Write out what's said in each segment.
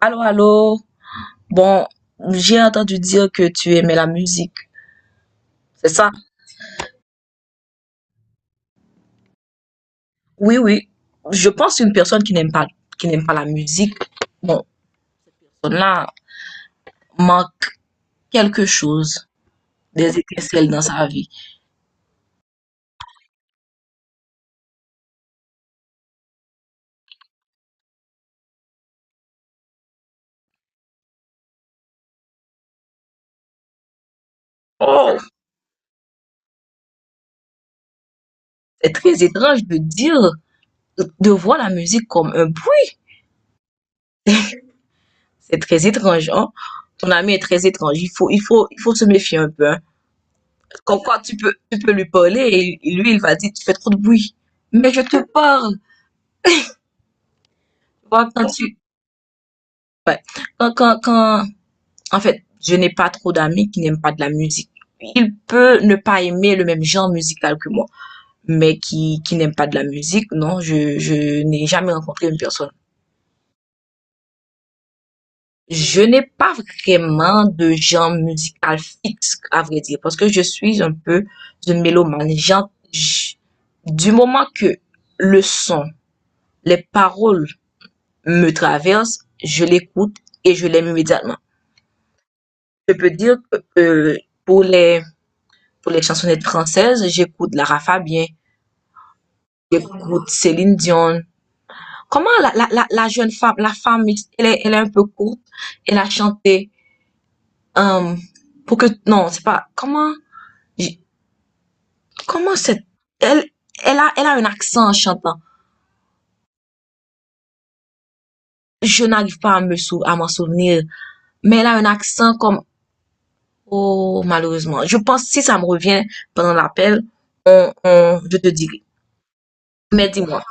Allô, allô. Bon, j'ai entendu dire que tu aimais la musique. C'est ça? Oui, oui. Je pense qu'une personne qui n'aime pas la musique, bon, là, manque quelque chose, des étincelles dans sa vie. Oh, c'est très étrange de dire, de voir la musique comme un bruit. C'est très étrange, hein? Ton ami est très étrange. Il faut se méfier un peu, hein. Comme quoi, tu peux lui parler et lui, il va dire, tu fais trop de bruit. Mais je te parle. Tu vois. Ouais. Quand en fait, je n'ai pas trop d'amis qui n'aiment pas de la musique. Il peut ne pas aimer le même genre musical que moi, mais qui n'aime pas de la musique, non, je n'ai jamais rencontré une personne. Je n'ai pas vraiment de genre musical fixe, à vrai dire, parce que je suis un peu une mélomane. Du moment que le son, les paroles me traversent, je l'écoute et je l'aime immédiatement. Je peux dire que pour les pour les chansonnettes françaises, j'écoute Lara Fabien, j'écoute Céline Dion. Comment la, jeune femme, la femme, elle est un peu courte, elle a chanté euh, pour que non, c'est pas comment cette elle elle a elle a un accent en chantant. Je n'arrive pas à à m'en souvenir, mais elle a un accent comme oh malheureusement. Je pense si ça me revient pendant l'appel, on je te dirai. Mais dis-moi.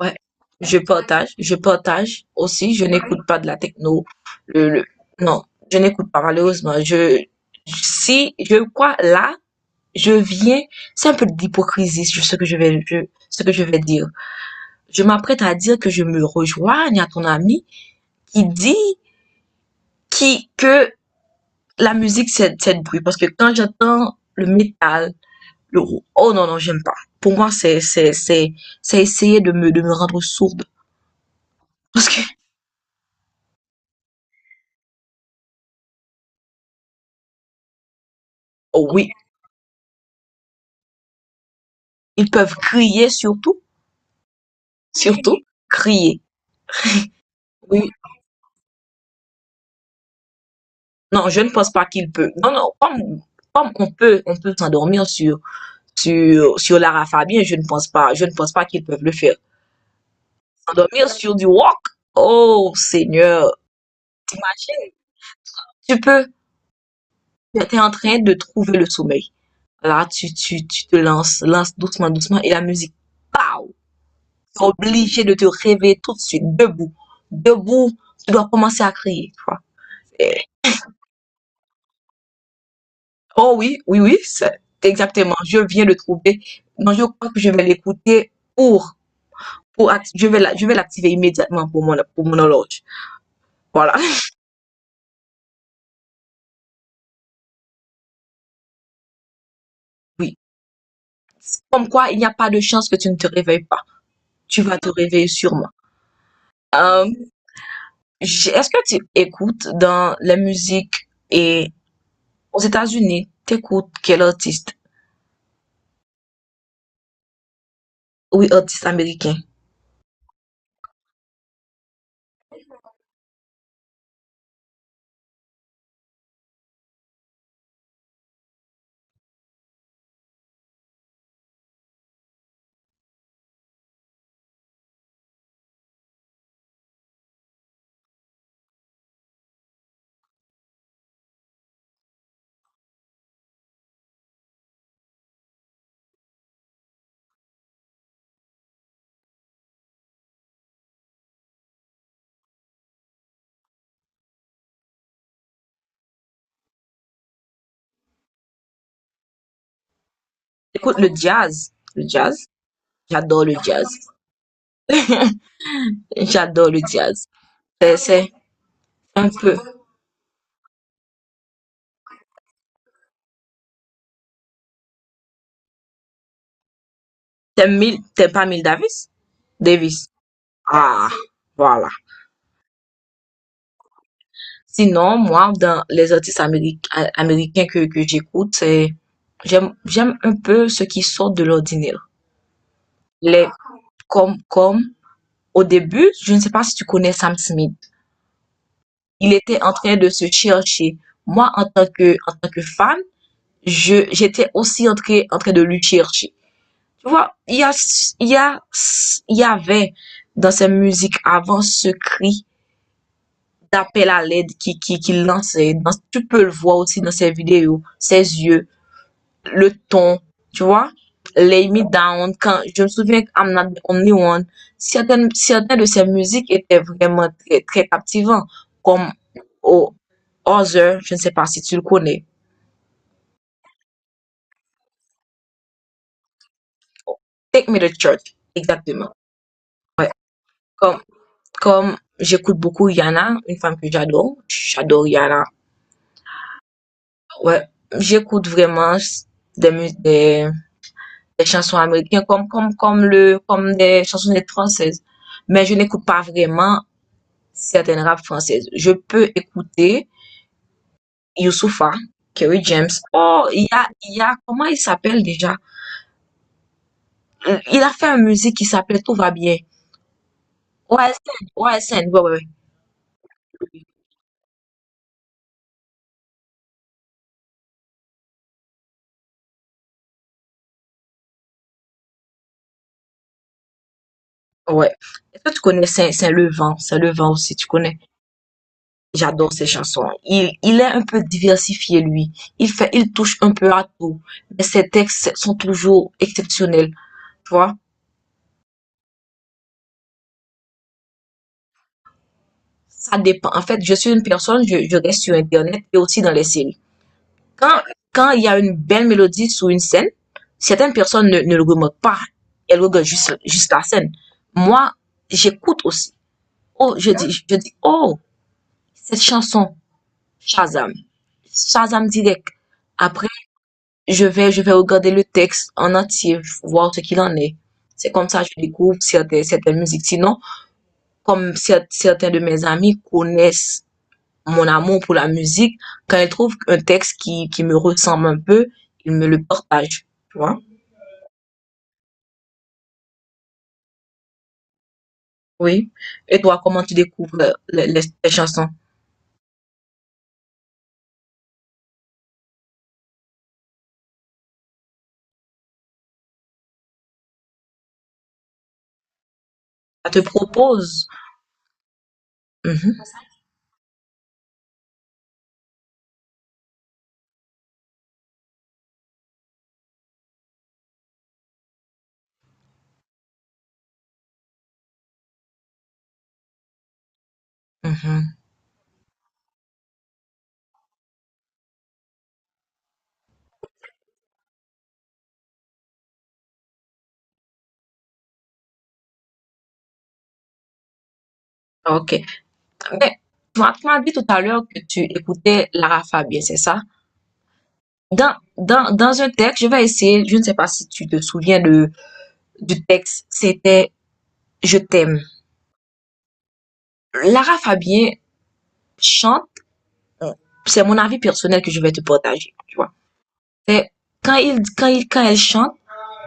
Ouais, je partage aussi. Je n'écoute pas de la techno. Le, le- non, je n'écoute pas malheureusement. Si je crois là, je viens, c'est un peu d'hypocrisie ce que je vais dire. Je m'apprête à dire que je me rejoigne à ton ami qui dit qui que la musique c'est de bruit parce que quand j'entends le métal, oh non non j'aime pas. Pour moi c'est essayer de me rendre sourde parce que. Oh oui. Ils peuvent crier surtout, surtout crier. Oui, non, je ne pense pas qu'ils peuvent. Non, non, comme on peut s'endormir sur Lara Fabian, je ne pense pas qu'ils peuvent le faire. S'endormir sur du rock, oh Seigneur, tu peux, tu es en train de trouver le sommeil. Là, tu lance doucement, doucement, et la musique, pow, tu es obligé de te réveiller tout de suite, debout, debout, tu dois commencer à crier, tu vois. Oh oui, oui, oui, exactement. Je viens de trouver. Non, je crois que je vais l'écouter pour, je vais l'activer immédiatement pour mon horloge. Voilà. Oui. Comme quoi, il n'y a pas de chance que tu ne te réveilles pas. Tu vas te réveiller sûrement. Euh, Est-ce que tu écoutes dans la musique et aux États-Unis, t'écoutes quel artiste? Oui, artiste américain. Écoute le jazz. Le jazz. J'adore le jazz. J'adore le jazz. C'est un peu, t'aimes pas Miles Davis? Davis. Ah, voilà. Sinon, moi, dans les artistes américains que j'écoute, j'aime un peu ce qui sort de l'ordinaire. Les, comme, comme, au début, je ne sais pas si tu connais Sam Smith. Il était en train de se chercher. Moi, en tant que fan, j'étais aussi en train de lui chercher. Tu vois, il y a, il y a, il y avait dans ses musiques avant ce cri d'appel à l'aide qui lance. Tu peux le voir aussi dans ses vidéos, ses yeux, le ton, tu vois. Lay Me Down, quand, je me souviens que I'm Not the Only One, certaines de ses musiques étaient vraiment très, très captivantes, comme oh, Other, je ne sais pas si tu le connais. Take Me to Church, exactement. Comme, comme j'écoute beaucoup Yana, une femme que j'adore, j'adore Yana. Ouais, j'écoute vraiment des musiques des chansons américaines comme des chansonnettes françaises. Mais je n'écoute pas vraiment certaines rap françaises. Je peux écouter Youssoupha, Kerry James. Oh, il y a comment il s'appelle déjà? Il a fait une musique qui s'appelle Tout va bien. Ouais, OSN, ouais, ouais, ouais. Ouais. Est-ce que tu connais Saint Levant? Saint Levant aussi, tu connais? J'adore ses chansons. Il est un peu diversifié, lui. Il touche un peu à tout. Mais ses textes sont toujours exceptionnels, tu vois? Ça dépend. En fait, je suis une personne, je reste sur Internet et aussi dans les séries. Quand, quand il y a une belle mélodie sur une scène, certaines personnes ne le remarquent pas. Elles regardent juste la scène. Moi, j'écoute aussi. Oh, je dis, oh, cette chanson, Shazam. Shazam direct. Après, je vais regarder le texte en entier, voir ce qu'il en est. C'est comme ça que je découvre certaines musiques. Sinon, comme certains de mes amis connaissent mon amour pour la musique, quand il trouve un texte qui me ressemble un peu, il me le partage. Tu vois? Oui. Et toi, comment tu découvres les chansons? Ça te propose? Mhm, mhm. Ok. Mais tu m'as dit tout à l'heure que tu écoutais Lara Fabian, c'est ça? Dans un texte, je vais essayer, je ne sais pas si tu te souviens du texte, c'était Je t'aime. Lara Fabian chante, c'est mon avis personnel que je vais te partager. Tu vois. C'est quand elle chante,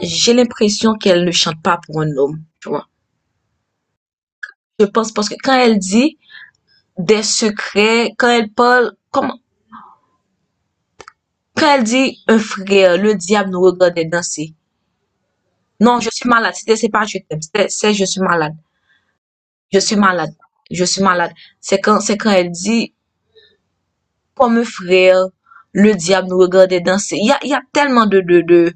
j'ai l'impression qu'elle ne chante pas pour un homme, tu vois. Je pense parce que quand elle dit des secrets, quand elle parle, comme, quand elle dit un frère, le diable nous regarde danser. Non, je suis malade. C'est pas je t'aime. C'est je suis malade. Je suis malade. Je suis malade. C'est quand elle dit comme un frère, le diable nous regarde danser. Il y a tellement de, de, de,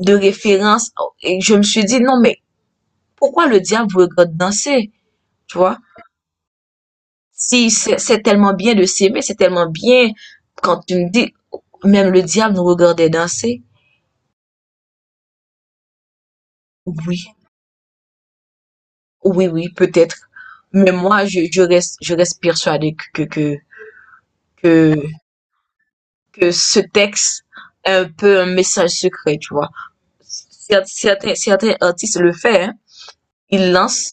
de références. Et je me suis dit, non, mais pourquoi le diable vous regarde danser? Tu vois? Si c'est tellement bien de s'aimer, c'est tellement bien quand tu me dis, même le diable nous regardait danser. Oui, oui, oui, peut-être. Mais moi, je reste persuadée que, que ce texte est un peu un message secret, tu vois. Certains artistes le font, hein. Ils lancent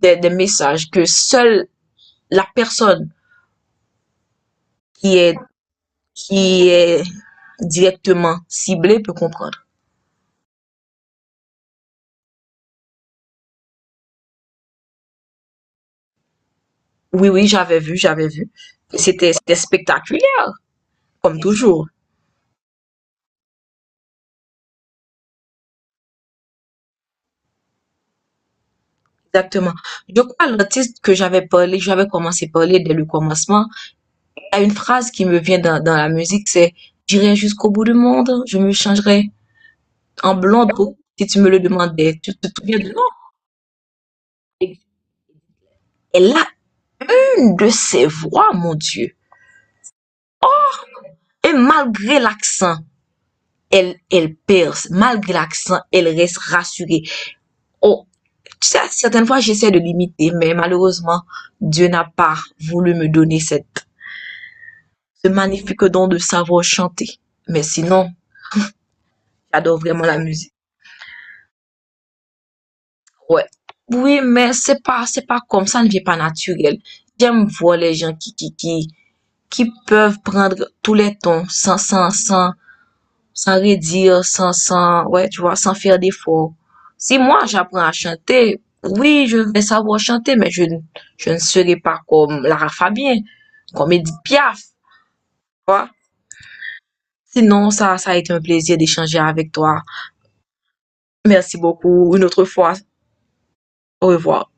des messages que seule la personne qui est, qui est directement ciblée peut comprendre. Oui, oui, j'avais vu. C'était spectaculaire, comme toujours. Exactement. Je crois l'artiste que j'avais commencé à parler dès le commencement. Il y a une phrase qui me vient dans la musique, c'est J'irai jusqu'au bout du monde, je me changerai en blonde peau si tu me le demandais. Tu te souviens de non? Elle a une de ses voix, mon Dieu. Et malgré l'accent, elle perce. Malgré l'accent, elle reste rassurée. On, certaines fois, j'essaie de limiter, mais malheureusement, Dieu n'a pas voulu me donner ce magnifique don de savoir chanter. Mais sinon, j'adore vraiment la musique. Ouais. Oui, mais c'est pas comme ça, ne vient pas naturel. J'aime voir les gens qui peuvent prendre tous les tons sans redire, sans, sans, ouais, tu vois, sans faire d'efforts. Si moi j'apprends à chanter, oui, je vais savoir chanter, mais je ne serai pas comme Lara Fabien, comme Edith Piaf, tu vois. Sinon, ça a été un plaisir d'échanger avec toi. Merci beaucoup. Une autre fois, au revoir.